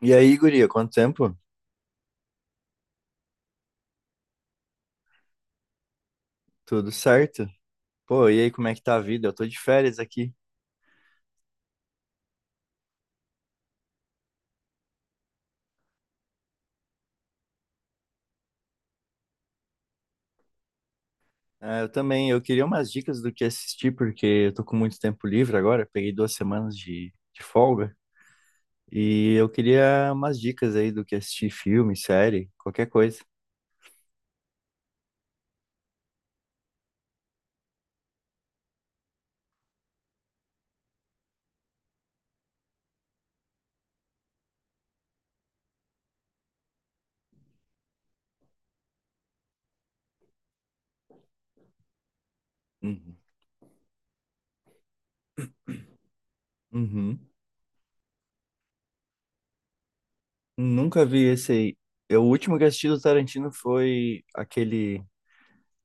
E aí, guria, quanto tempo? Tudo certo? Pô, e aí, como é que tá a vida? Eu tô de férias aqui. Ah, eu também, eu queria umas dicas do que assistir, porque eu tô com muito tempo livre agora, peguei 2 semanas de folga, e eu queria umas dicas aí do que assistir, filme, série, qualquer coisa. Uhum. Uhum. Nunca vi esse aí. Eu, o último que assisti do Tarantino foi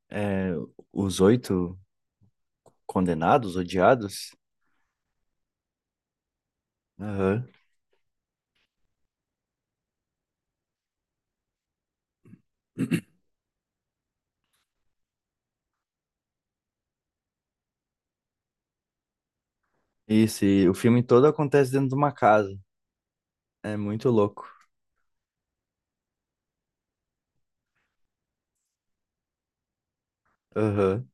é, Os Oito Condenados, Odiados. Aham. Isso, e o filme todo acontece dentro de uma casa. É muito louco. Aham.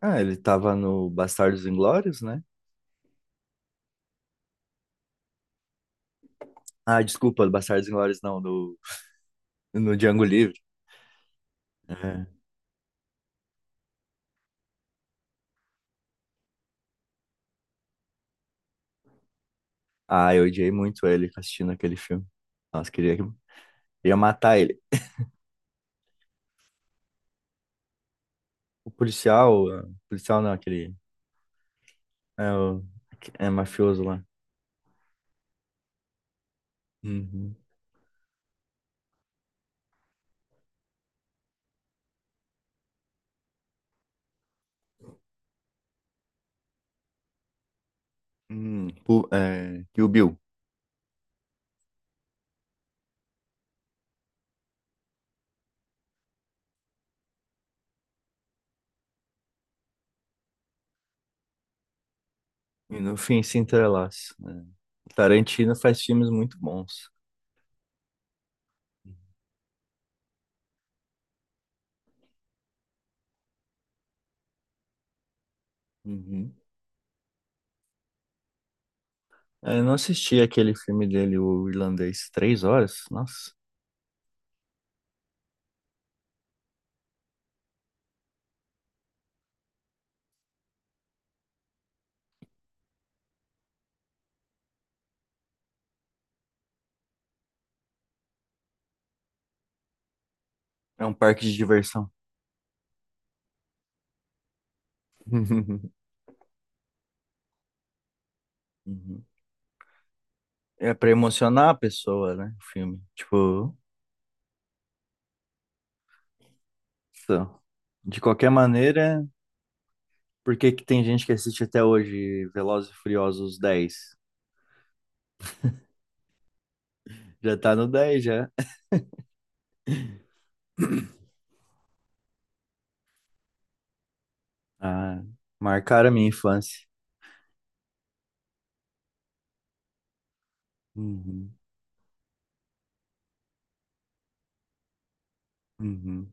Ah, ele tava no Bastardos Inglórios, né? Ah, desculpa, Bastardos Inglórios no Django Livre. É. Ah, eu odiei muito ele assistindo aquele filme. Nossa, queria matar ele. O policial, ah, policial não, é, o, é mafioso lá. Uhum. E o Bill. E no fim, se entrelaça, né? Tarantino faz filmes muito bons. Uhum. É, eu não assisti aquele filme dele, o Irlandês, 3 horas? Nossa. É um parque de diversão. Uhum. É pra emocionar a pessoa, né? O filme. Tipo, isso. De qualquer maneira, por que que tem gente que assiste até hoje Velozes e Furiosos 10? Já tá no 10, já. Ah, marcaram a minha infância. Uhum. Uhum.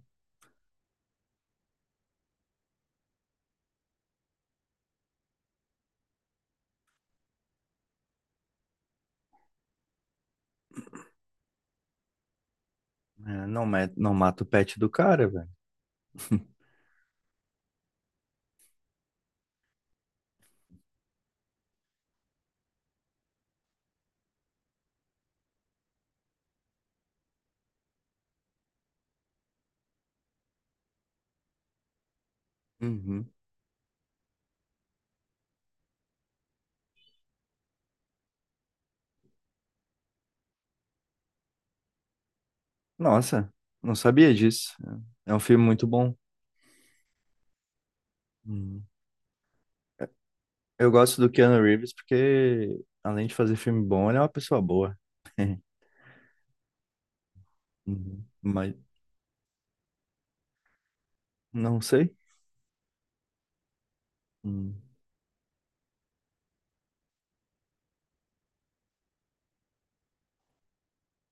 É, não, não mata o pet do cara, velho. Uhum. Nossa, não sabia disso. É um filme muito bom. Uhum. Eu gosto do Keanu Reeves porque, além de fazer filme bom, ele é uma pessoa boa. Uhum. Mas não sei. Hum.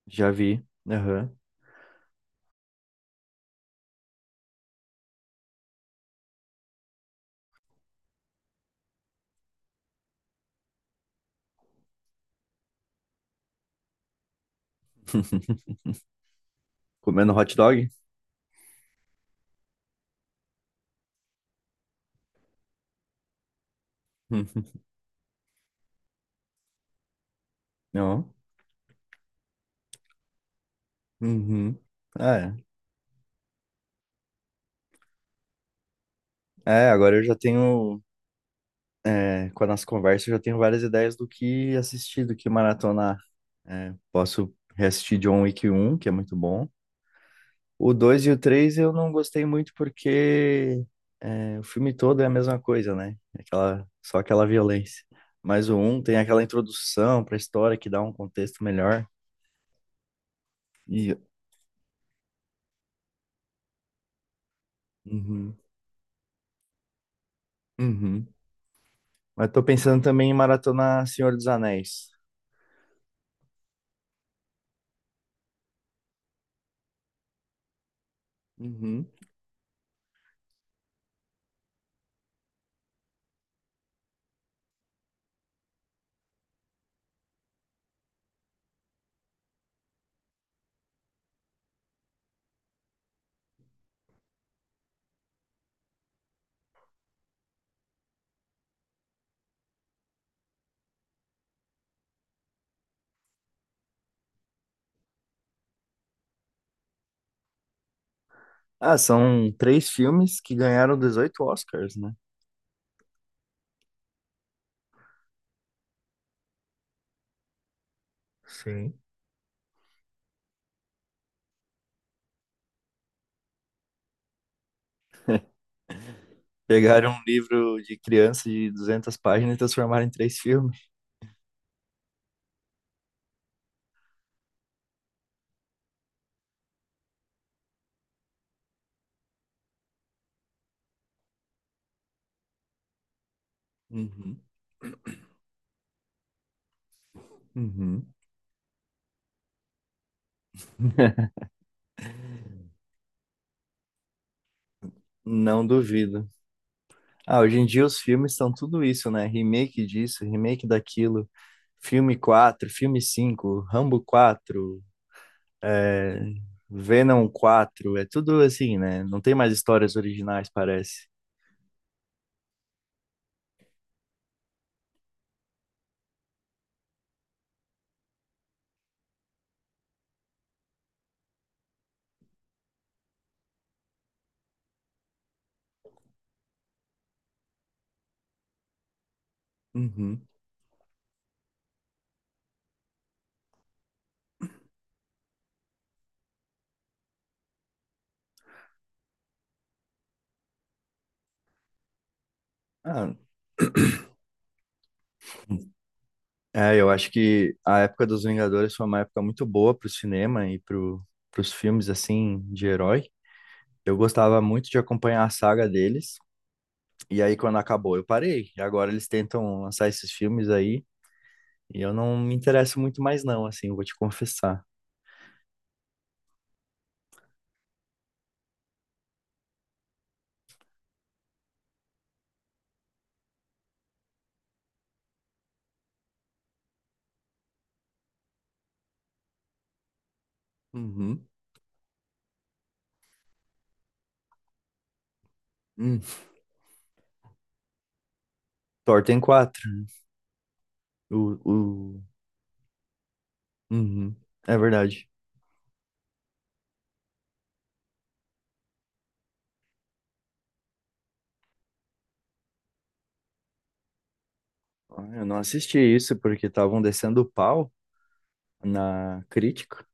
Já vi. Aham. Comendo hot dog? Uhum. Não. Uhum. Ah, é. É, agora eu já tenho. É, com a nossa conversa, eu já tenho várias ideias do que assistir, do que maratonar. É, posso reassistir John Wick 1, que é muito bom. O 2 e o 3 eu não gostei muito porque é, o filme todo é a mesma coisa, né? Aquela, só aquela violência. Mas o um tem aquela introdução para a história que dá um contexto melhor. E, uhum, uhum. Mas tô pensando também em maratonar Senhor dos Anéis. Uhum. Ah, são três filmes que ganharam 18 Oscars, né? Sim. Pegaram um livro de criança de 200 páginas e transformaram em três filmes. Uhum. Uhum. Não duvido. Ah, hoje em dia os filmes são tudo isso, né? Remake disso, remake daquilo. Filme 4, filme 5, Rambo 4. Venom 4, é tudo assim, né? Não tem mais histórias originais, parece. Uhum. Ah, é, eu acho que a época dos Vingadores foi uma época muito boa pro cinema e pros filmes, assim, de herói. Eu gostava muito de acompanhar a saga deles, e aí quando acabou eu parei. E agora eles tentam lançar esses filmes aí, e eu não me interesso muito mais não, assim, vou te confessar. Uhum. Uhum. Thor tem quatro, o, o... Uhum. É verdade. Ah, eu não assisti isso porque estavam descendo o pau na crítica.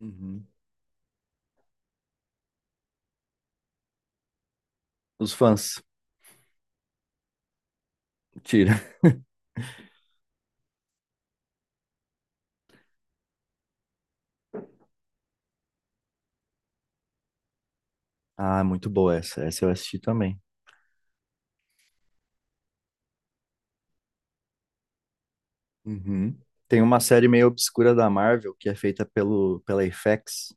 Uhum. Os fãs. Tira. Ah, muito boa essa. Essa eu assisti também. Uhum. Tem uma série meio obscura da Marvel que é feita pela FX.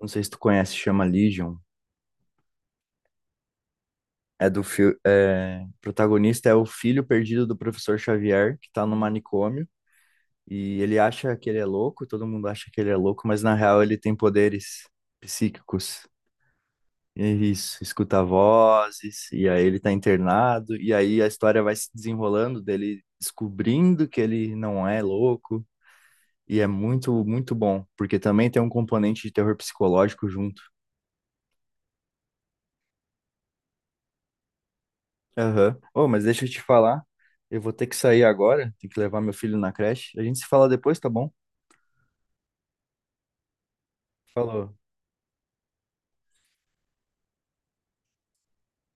Não sei se tu conhece, chama Legion. O protagonista é o filho perdido do professor Xavier, que tá no manicômio. E ele acha que ele é louco, todo mundo acha que ele é louco, mas na real ele tem poderes psíquicos. É isso, escuta vozes, e aí ele tá internado, e aí a história vai se desenrolando dele descobrindo que ele não é louco, e é muito, muito bom, porque também tem um componente de terror psicológico junto. Aham. Ô, mas deixa eu te falar, eu vou ter que sair agora, tenho que levar meu filho na creche. A gente se fala depois, tá bom? Falou.